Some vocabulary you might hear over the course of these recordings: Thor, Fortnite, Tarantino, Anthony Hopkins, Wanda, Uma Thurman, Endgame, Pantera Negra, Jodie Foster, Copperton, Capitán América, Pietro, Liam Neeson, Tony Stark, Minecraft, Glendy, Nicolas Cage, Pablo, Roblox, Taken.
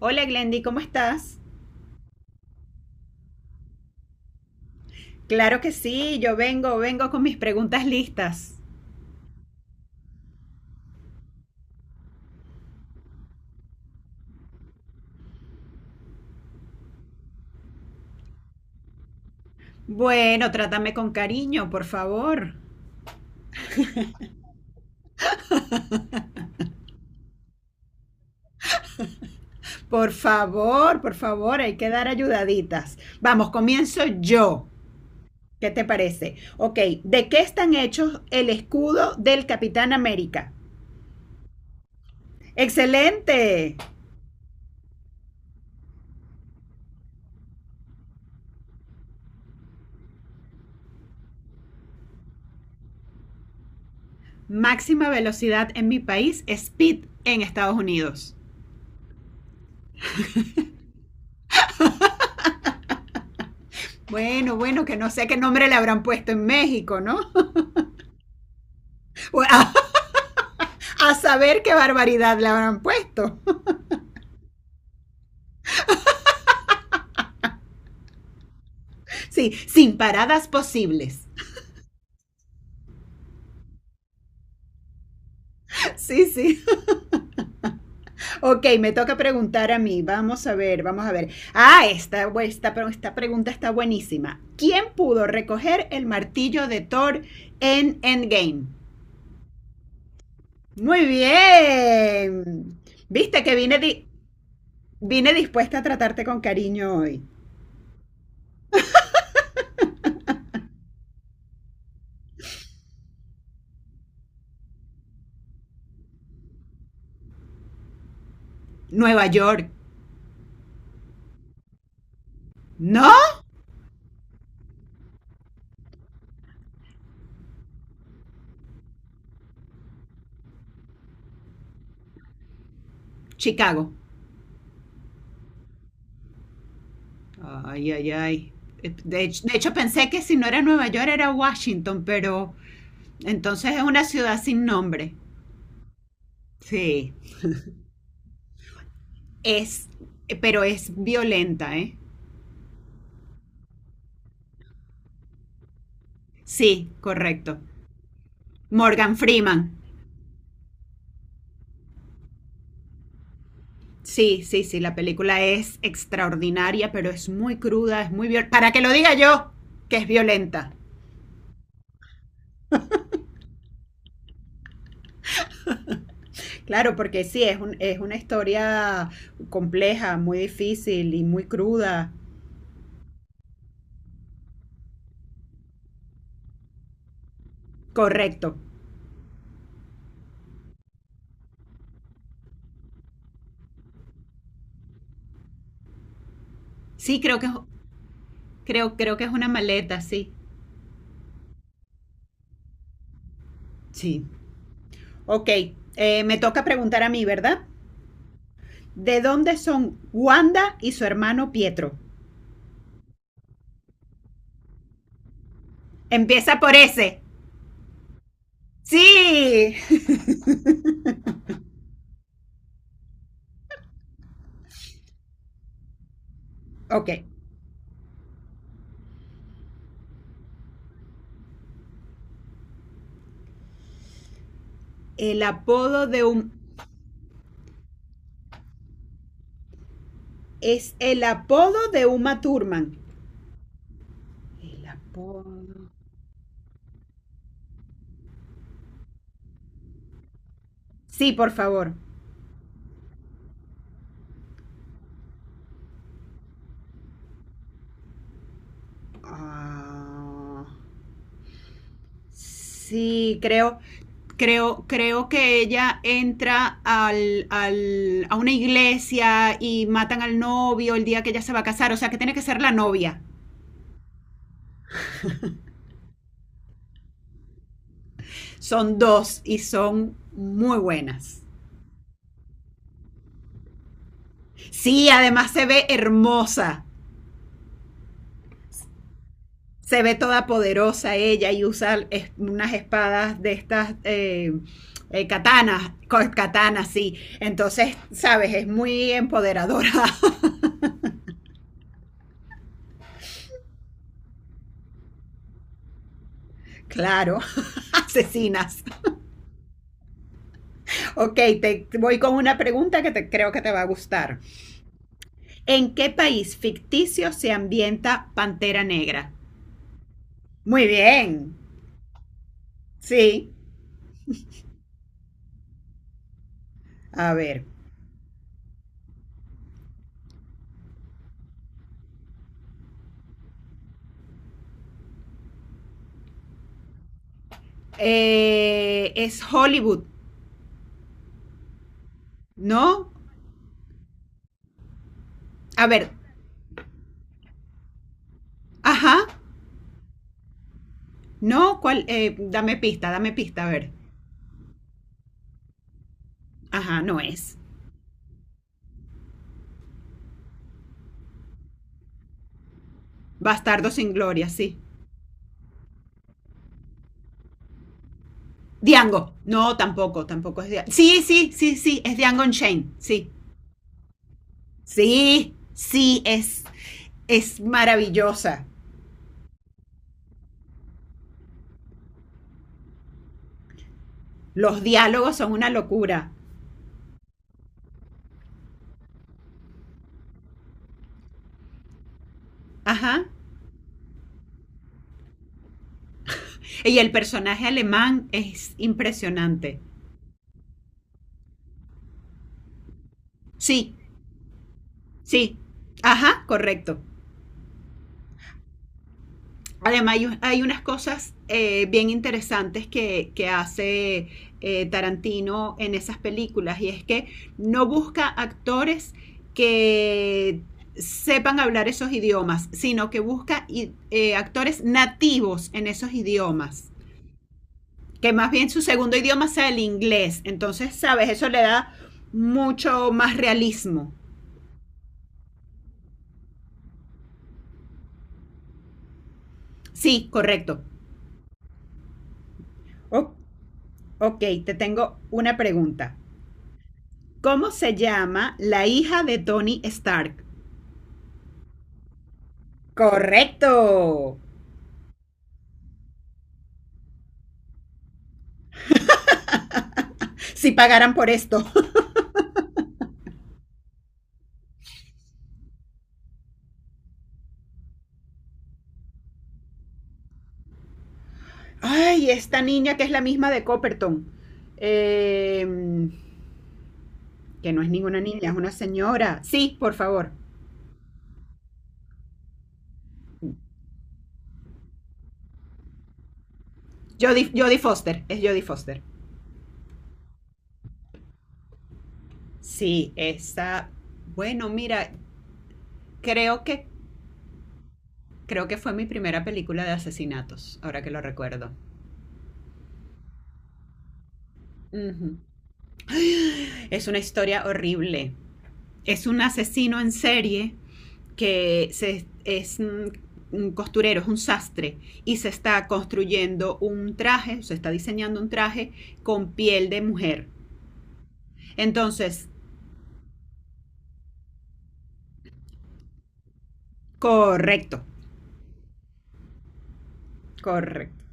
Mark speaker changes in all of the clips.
Speaker 1: Hola Glendy, ¿cómo estás? Claro que sí, yo vengo con mis preguntas listas. Bueno, trátame con cariño, por favor. Por favor, por favor, hay que dar ayudaditas. Vamos, comienzo yo. ¿Qué te parece? Ok, ¿de qué están hechos el escudo del Capitán América? Excelente. Máxima velocidad en mi país, speed en Estados Unidos. Bueno, bueno, que no sé qué nombre le habrán puesto en México, ¿no? Bueno, a saber qué barbaridad le habrán puesto. Sí, sin paradas posibles. Sí, sí. Ok, me toca preguntar a mí. Vamos a ver, vamos a ver. Ah, esta pregunta está buenísima. ¿Quién pudo recoger el martillo de Thor en Endgame? Muy bien. Viste que vine, vine dispuesta a tratarte con cariño hoy. Nueva York. ¿No? Chicago. Ay, ay, ay. De hecho, pensé que si no era Nueva York era Washington, pero entonces es una ciudad sin nombre. Sí. Es, pero es violenta, ¿eh? Sí, correcto. Morgan Freeman. Sí, sí, sí, la película es extraordinaria, pero es muy cruda, es muy violenta. Para que lo diga yo, que es violenta. Claro, porque sí, es, un, es una historia compleja, muy difícil y muy cruda. Correcto. Sí, creo que es. Creo que es una maleta, sí. Sí. Ok, me toca preguntar a mí, ¿verdad? ¿De dónde son Wanda y su hermano Pietro? Empieza por ese. Sí. Ok. El apodo de un... Es el apodo de Uma Thurman. El apodo... Sí, por favor. Ah, sí, creo. Creo que ella entra al, a una iglesia y matan al novio el día que ella se va a casar. O sea, que tiene que ser la novia. Son dos y son muy buenas. Sí, además se ve hermosa. Se ve toda poderosa ella y usa unas espadas de estas katanas, katanas, sí. Entonces, sabes, es muy empoderadora. claro, asesinas. Ok, te voy con una pregunta que te, creo que te va a gustar. ¿En qué país ficticio se ambienta Pantera Negra? Muy bien. Sí. A ver. Es Hollywood, ¿no? A ver. Ajá. No, ¿cuál? Dame pista, dame pista, a ver. Ajá, no es. Bastardo sin gloria, sí. Diango. No, tampoco, tampoco es Diango. Sí, sí, sí, sí, es Diango Shane. Sí. Sí, sí, es maravillosa. Los diálogos son una locura. Ajá. Y el personaje alemán es impresionante. Sí, sí. Ajá, correcto. Además, hay, un- hay unas cosas bien interesantes que hace Tarantino en esas películas y es que no busca actores que sepan hablar esos idiomas, sino que busca actores nativos en esos idiomas. Que más bien su segundo idioma sea el inglés. Entonces, ¿sabes? Eso le da mucho más realismo. Sí, correcto. Oh, ok, te tengo una pregunta. ¿Cómo se llama la hija de Tony Stark? Correcto. Si pagaran por esto. Ay, esta niña que es la misma de Copperton. Eh, que no es ninguna niña, es una señora. Sí, por favor. Jodie, Jodie Foster, es Jodie Foster. Sí, esa... Bueno, mira, creo que, creo que fue mi primera película de asesinatos, ahora que lo recuerdo. Ujú. Es una historia horrible. Es un asesino en serie que se, es un costurero, es un sastre, y se está construyendo un traje, se está diseñando un traje con piel de mujer. Entonces, correcto, correcto.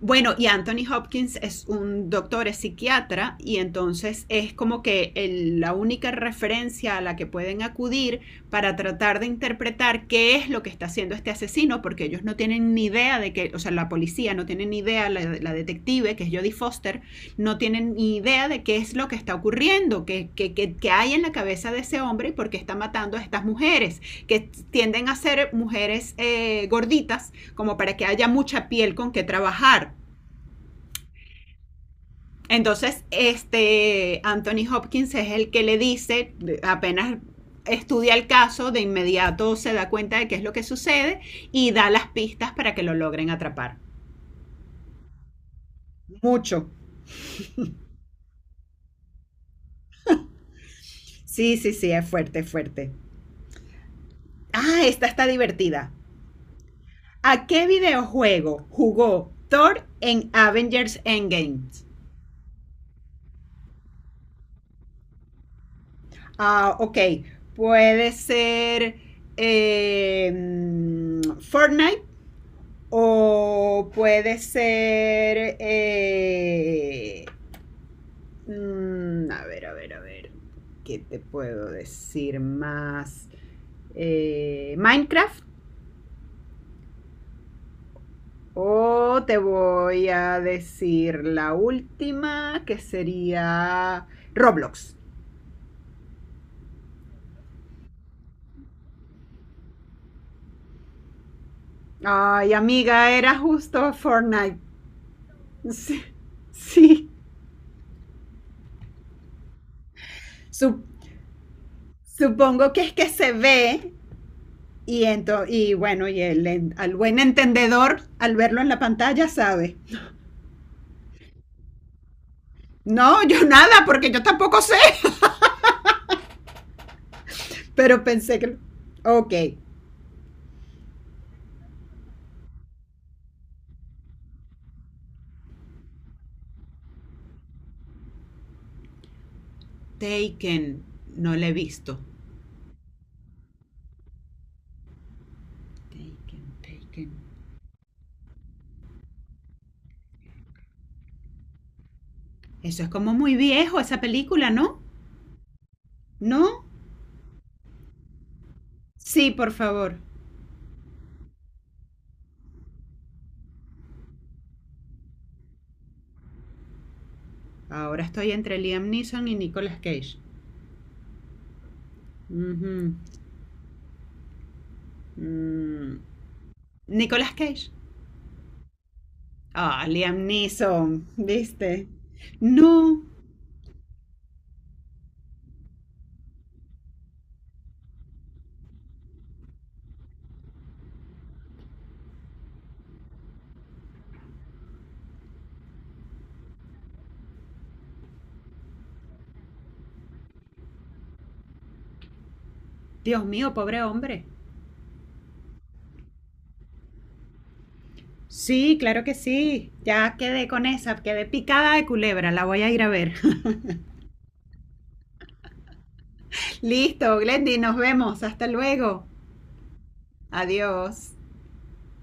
Speaker 1: Bueno, y Anthony Hopkins es un doctor, es psiquiatra, y entonces es como que la única referencia a la que pueden acudir para tratar de interpretar qué es lo que está haciendo este asesino, porque ellos no tienen ni idea de que, o sea, la policía no tiene ni idea, la detective, que es Jodie Foster, no tienen ni idea de qué es lo que está ocurriendo, qué, que qué hay en la cabeza de ese hombre y por qué está matando a estas mujeres, que tienden a ser mujeres gorditas como para que haya mucha piel con que trabajar. Entonces, este Anthony Hopkins es el que le dice, apenas estudia el caso, de inmediato se da cuenta de qué es lo que sucede y da las pistas para que lo logren atrapar. Mucho. Sí, sí, sí, es fuerte, es fuerte. Ah, esta está divertida. ¿A qué videojuego jugó Thor en Avengers Endgame? Ah, ok. Puede ser Fortnite. O puede ser. A ver, a ver, a ver. ¿Qué te puedo decir más? Minecraft. O te voy a decir la última, que sería Roblox. Ay, amiga, era justo Fortnite. Sí, sí. Sup- Supongo que es que se ve. Y, y bueno, y el, al buen entendedor, al verlo en la pantalla, sabe. No, yo nada, porque yo tampoco sé. Pero pensé que... Ok. Taken. No la he visto. Taken, Taken. Eso es como muy viejo, esa película, ¿no? ¿No? Sí, por favor. Ahora estoy entre Liam Neeson y Nicolas Cage. Ujú. Mm, Nicolas Cage. Ah, Liam Neeson, ¿viste? No. Dios mío, pobre hombre. Sí, claro que sí. Ya quedé con esa, quedé picada de culebra, la voy a ir a ver. Listo, Glendy, nos vemos. Hasta luego. Adiós.